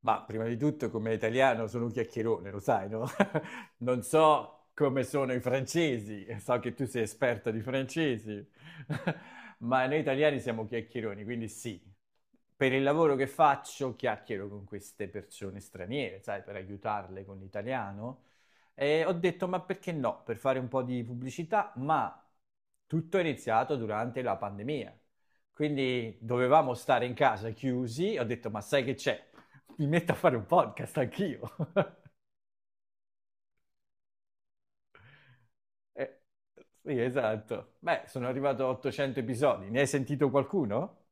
Ma prima di tutto, come italiano, sono un chiacchierone, lo sai, no? Non so come sono i francesi, so che tu sei esperta di francesi, ma noi italiani siamo chiacchieroni, quindi sì. Per il lavoro che faccio, chiacchiero con queste persone straniere, sai, per aiutarle con l'italiano. E ho detto, ma perché no? Per fare un po' di pubblicità, ma tutto è iniziato durante la pandemia. Quindi dovevamo stare in casa chiusi, ho detto, ma sai che c'è? Mi metto a fare un podcast anch'io. Eh, sì, esatto. Beh, sono arrivato a 800 episodi. Ne hai sentito qualcuno?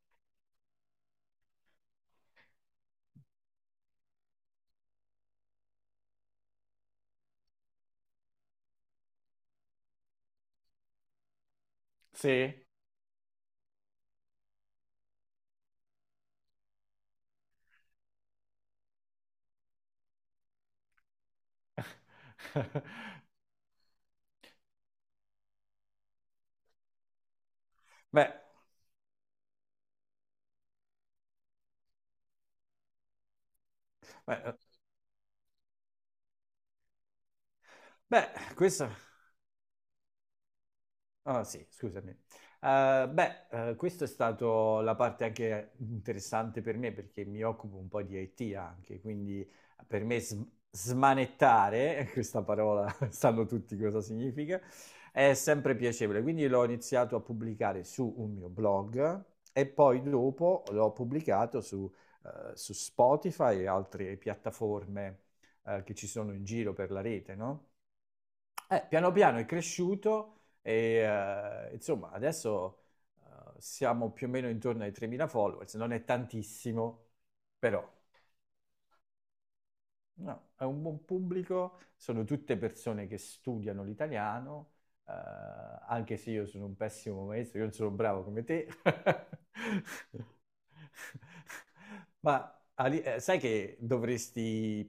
Sì. Beh, beh, beh, questo Ah sì, scusami. Beh, questa è stata la parte anche interessante per me perché mi occupo un po' di IT anche, quindi per me smanettare, questa parola sanno tutti cosa significa, è sempre piacevole. Quindi l'ho iniziato a pubblicare su un mio blog e poi dopo l'ho pubblicato su Spotify e altre piattaforme, che ci sono in giro per la rete, no? Piano piano è cresciuto e insomma adesso eh, siamo più o meno intorno ai 3.000 followers, non è tantissimo, però no, è un buon pubblico, sono tutte persone che studiano l'italiano, anche se io sono un pessimo maestro, io non sono bravo come te, ma sai che dovresti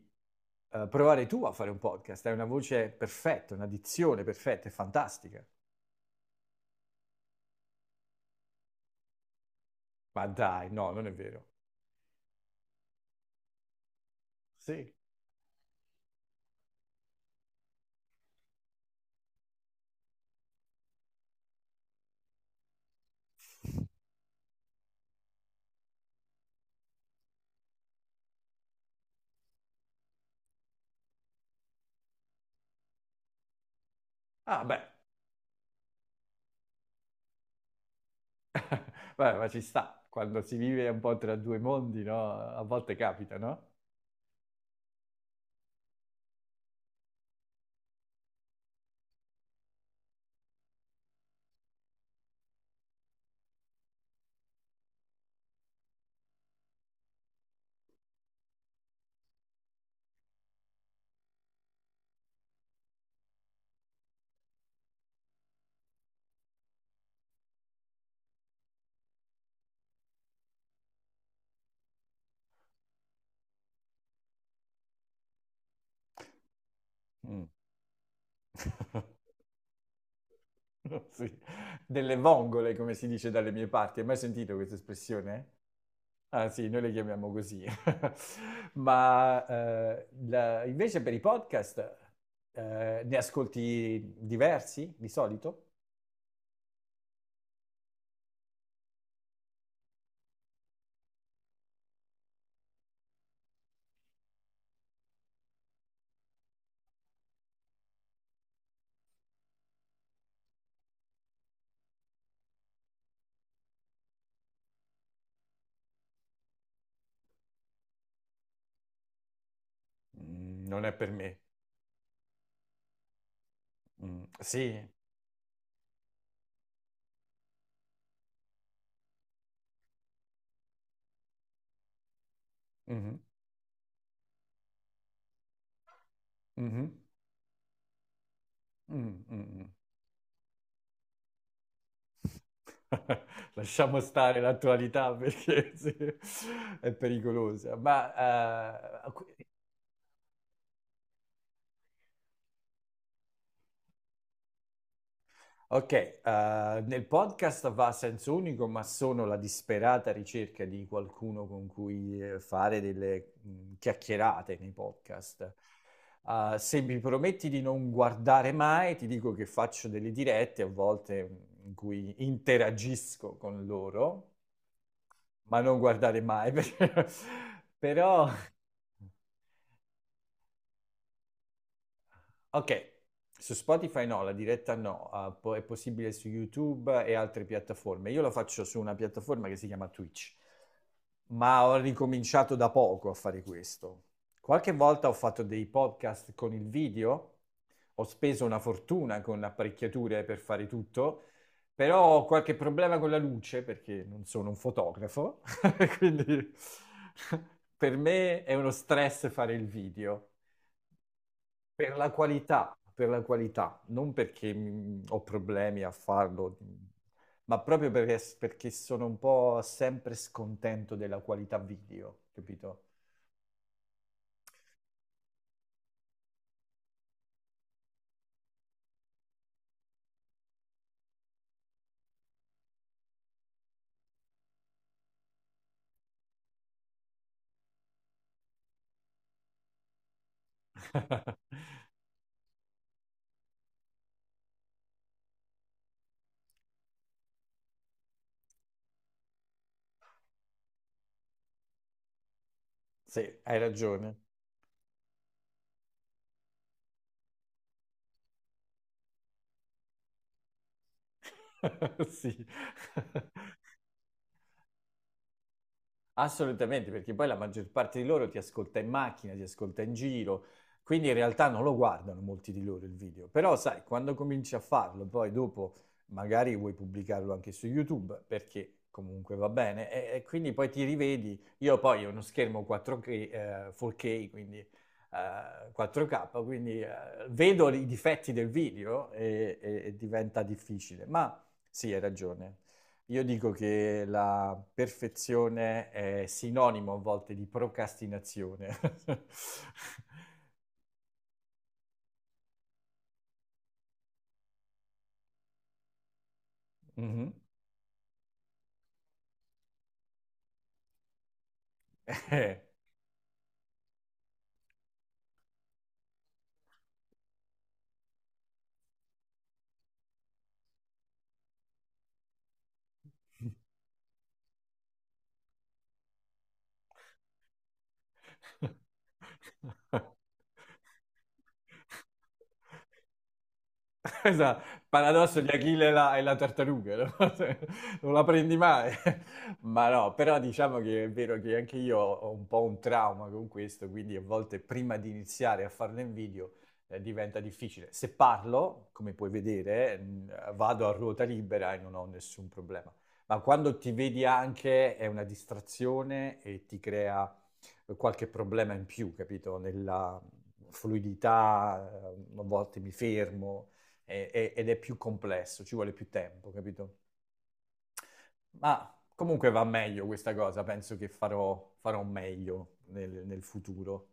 eh, provare tu a fare un podcast, hai una voce perfetta, una dizione perfetta, è fantastica. Ma dai, no, non è vero. Sì. Ah, beh, Vabbè, ma ci sta. Quando si vive un po' tra due mondi, no? A volte capita, no? Mm. Sì. Delle vongole, come si dice dalle mie parti. Hai mai sentito questa espressione? Ah, sì, noi le chiamiamo così. Ma invece per i podcast, ne ascolti diversi di solito? Mm. Non è per me. Mm, sì. Mhm. Mhm. Mm, mm, mm. Lasciamo stare l'attualità perché sì, è pericolosa. Ma ok, nel podcast va a senso unico, ma sono la disperata ricerca di qualcuno con cui fare delle chiacchierate nei podcast. Se mi prometti di non guardare mai, ti dico che faccio delle dirette a volte, in cui interagisco con loro, ma non guardare mai, però. Ok, su Spotify no, la diretta no, è possibile su YouTube e altre piattaforme. Io la faccio su una piattaforma che si chiama Twitch, ma ho ricominciato da poco a fare questo. Qualche volta ho fatto dei podcast con il video, ho speso una fortuna con apparecchiature per fare tutto, però ho qualche problema con la luce perché non sono un fotografo, quindi per me è uno stress fare il video. Per la qualità, non perché ho problemi a farlo, ma proprio perché sono un po' sempre scontento della qualità video, capito? Sì, hai ragione. Sì. Assolutamente, perché poi la maggior parte di loro ti ascolta in macchina, ti ascolta in giro, quindi in realtà non lo guardano molti di loro il video. Però sai, quando cominci a farlo, poi dopo magari vuoi pubblicarlo anche su YouTube, perché comunque va bene, e quindi poi ti rivedi. Io poi ho uno schermo 4K, 4K, quindi 4K, quindi vedo i difetti del video e diventa difficile. Ma sì, hai ragione. Io dico che la perfezione è sinonimo a volte di procrastinazione. Mhm. Eh. Esatto, il paradosso di Achille e la tartaruga, no? Non la prendi mai. Ma no, però diciamo che è vero che anche io ho un po' un trauma con questo, quindi a volte prima di iniziare a farlo in video, diventa difficile. Se parlo, come puoi vedere, vado a ruota libera e non ho nessun problema. Ma quando ti vedi anche è una distrazione e ti crea qualche problema in più, capito? Nella fluidità, a volte mi fermo ed è più complesso, ci vuole più tempo, capito? Ma comunque va meglio questa cosa, penso che farò meglio nel futuro.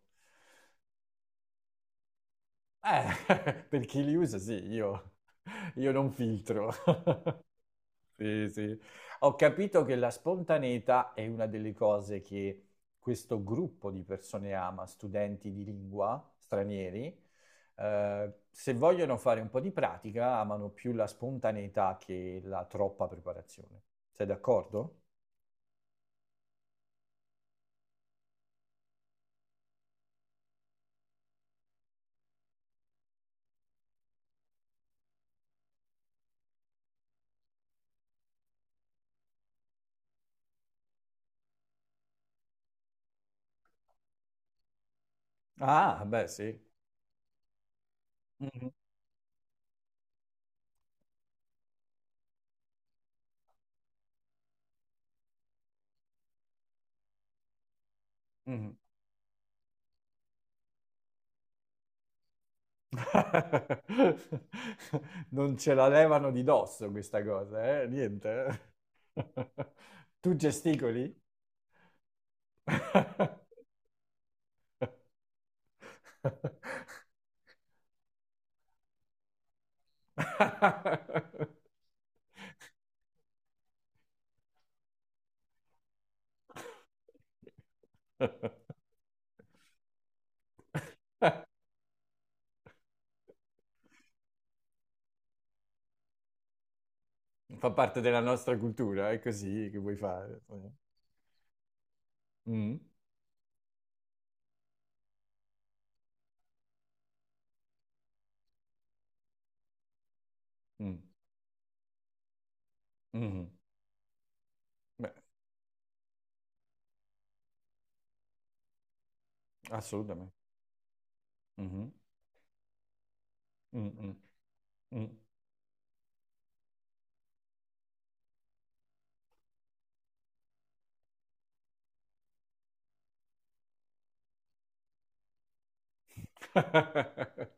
Per chi li usa, sì, io, non filtro. Sì, sì. Ho capito che la spontaneità è una delle cose che questo gruppo di persone ama, studenti di lingua stranieri. Se vogliono fare un po' di pratica, amano più la spontaneità che la troppa preparazione. Sei d'accordo? Ah, beh, sì. Mhm, mhm. Non ce la levano di dosso questa cosa, eh? Niente. Tu gesticoli? Fa parte della nostra cultura, è così che vuoi fare. Mm, mm, mhm. Beh, assolutamente. Mhm, mm, mm, mm.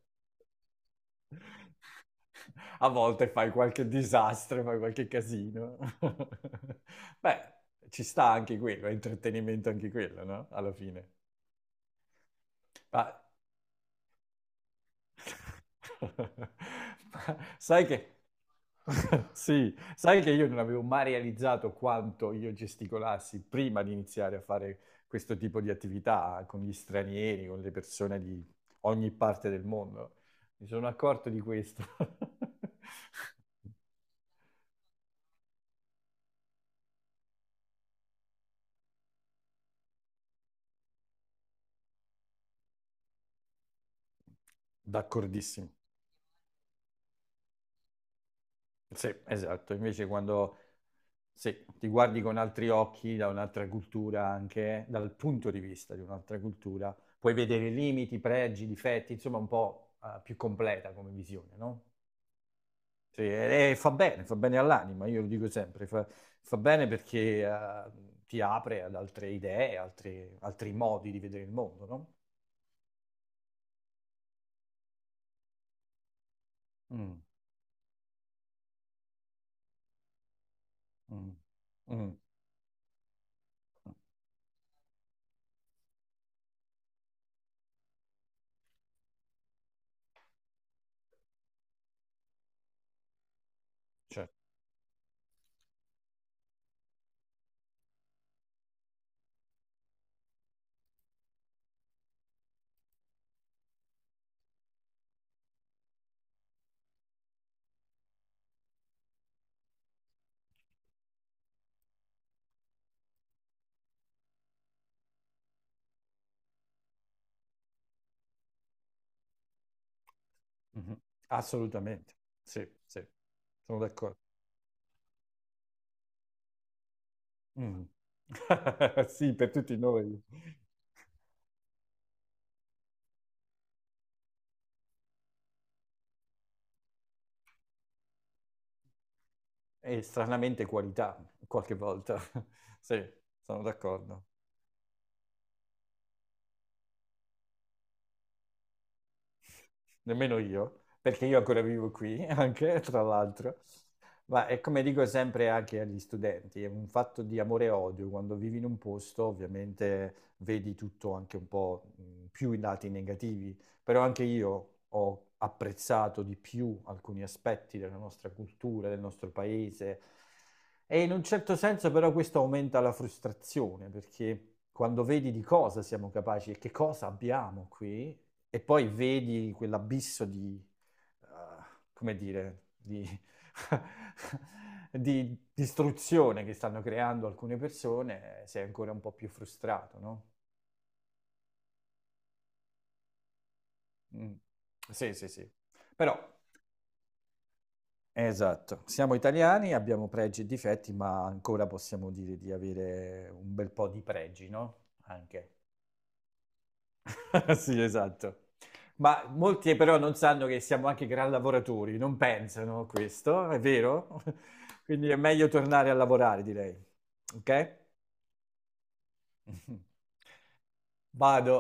A volte fai qualche disastro, fai qualche casino. Beh, ci sta anche quello, è intrattenimento anche quello, no? Alla fine. Ma sai che, sì, sai che io non avevo mai realizzato quanto io gesticolassi prima di iniziare a fare questo tipo di attività con gli stranieri, con le persone di ogni parte del mondo. Mi sono accorto di questo. D'accordissimo. Sì, esatto. Invece quando Sì, ti guardi con altri occhi, da un'altra cultura anche, dal punto di vista di un'altra cultura, puoi vedere limiti, pregi, difetti, insomma un po', più completa come visione, no? Sì, e fa bene all'anima, io lo dico sempre, fa bene perché ti apre ad altre idee, altri modi di vedere il mondo, no? Mm, mm, mm, cioè, mhm. Assolutamente, sì, sì, sono d'accordo. Mm. Sì, per tutti noi. E stranamente qualità qualche volta. Sì, sono d'accordo. Nemmeno io, perché io ancora vivo qui, anche tra l'altro. Ma è come dico sempre anche agli studenti, è un fatto di amore e odio. Quando vivi in un posto, ovviamente vedi tutto anche un po', più i lati negativi, però anche io ho apprezzato di più alcuni aspetti della nostra cultura, del nostro paese. E in un certo senso però questo aumenta la frustrazione, perché quando vedi di cosa siamo capaci e che cosa abbiamo qui, e poi vedi quell'abisso di, eh, come dire, di, di distruzione che stanno creando alcune persone, sei ancora un po' più frustrato, no? Mm. Sì, sì, sì. Però, esatto, siamo italiani, abbiamo pregi e difetti, ma ancora possiamo dire di avere un bel po' di pregi, no? Anche. Sì, esatto. Ma molti però non sanno che siamo anche gran lavoratori, non pensano a questo, è vero? Quindi è meglio tornare a lavorare, direi. Ok? Vado.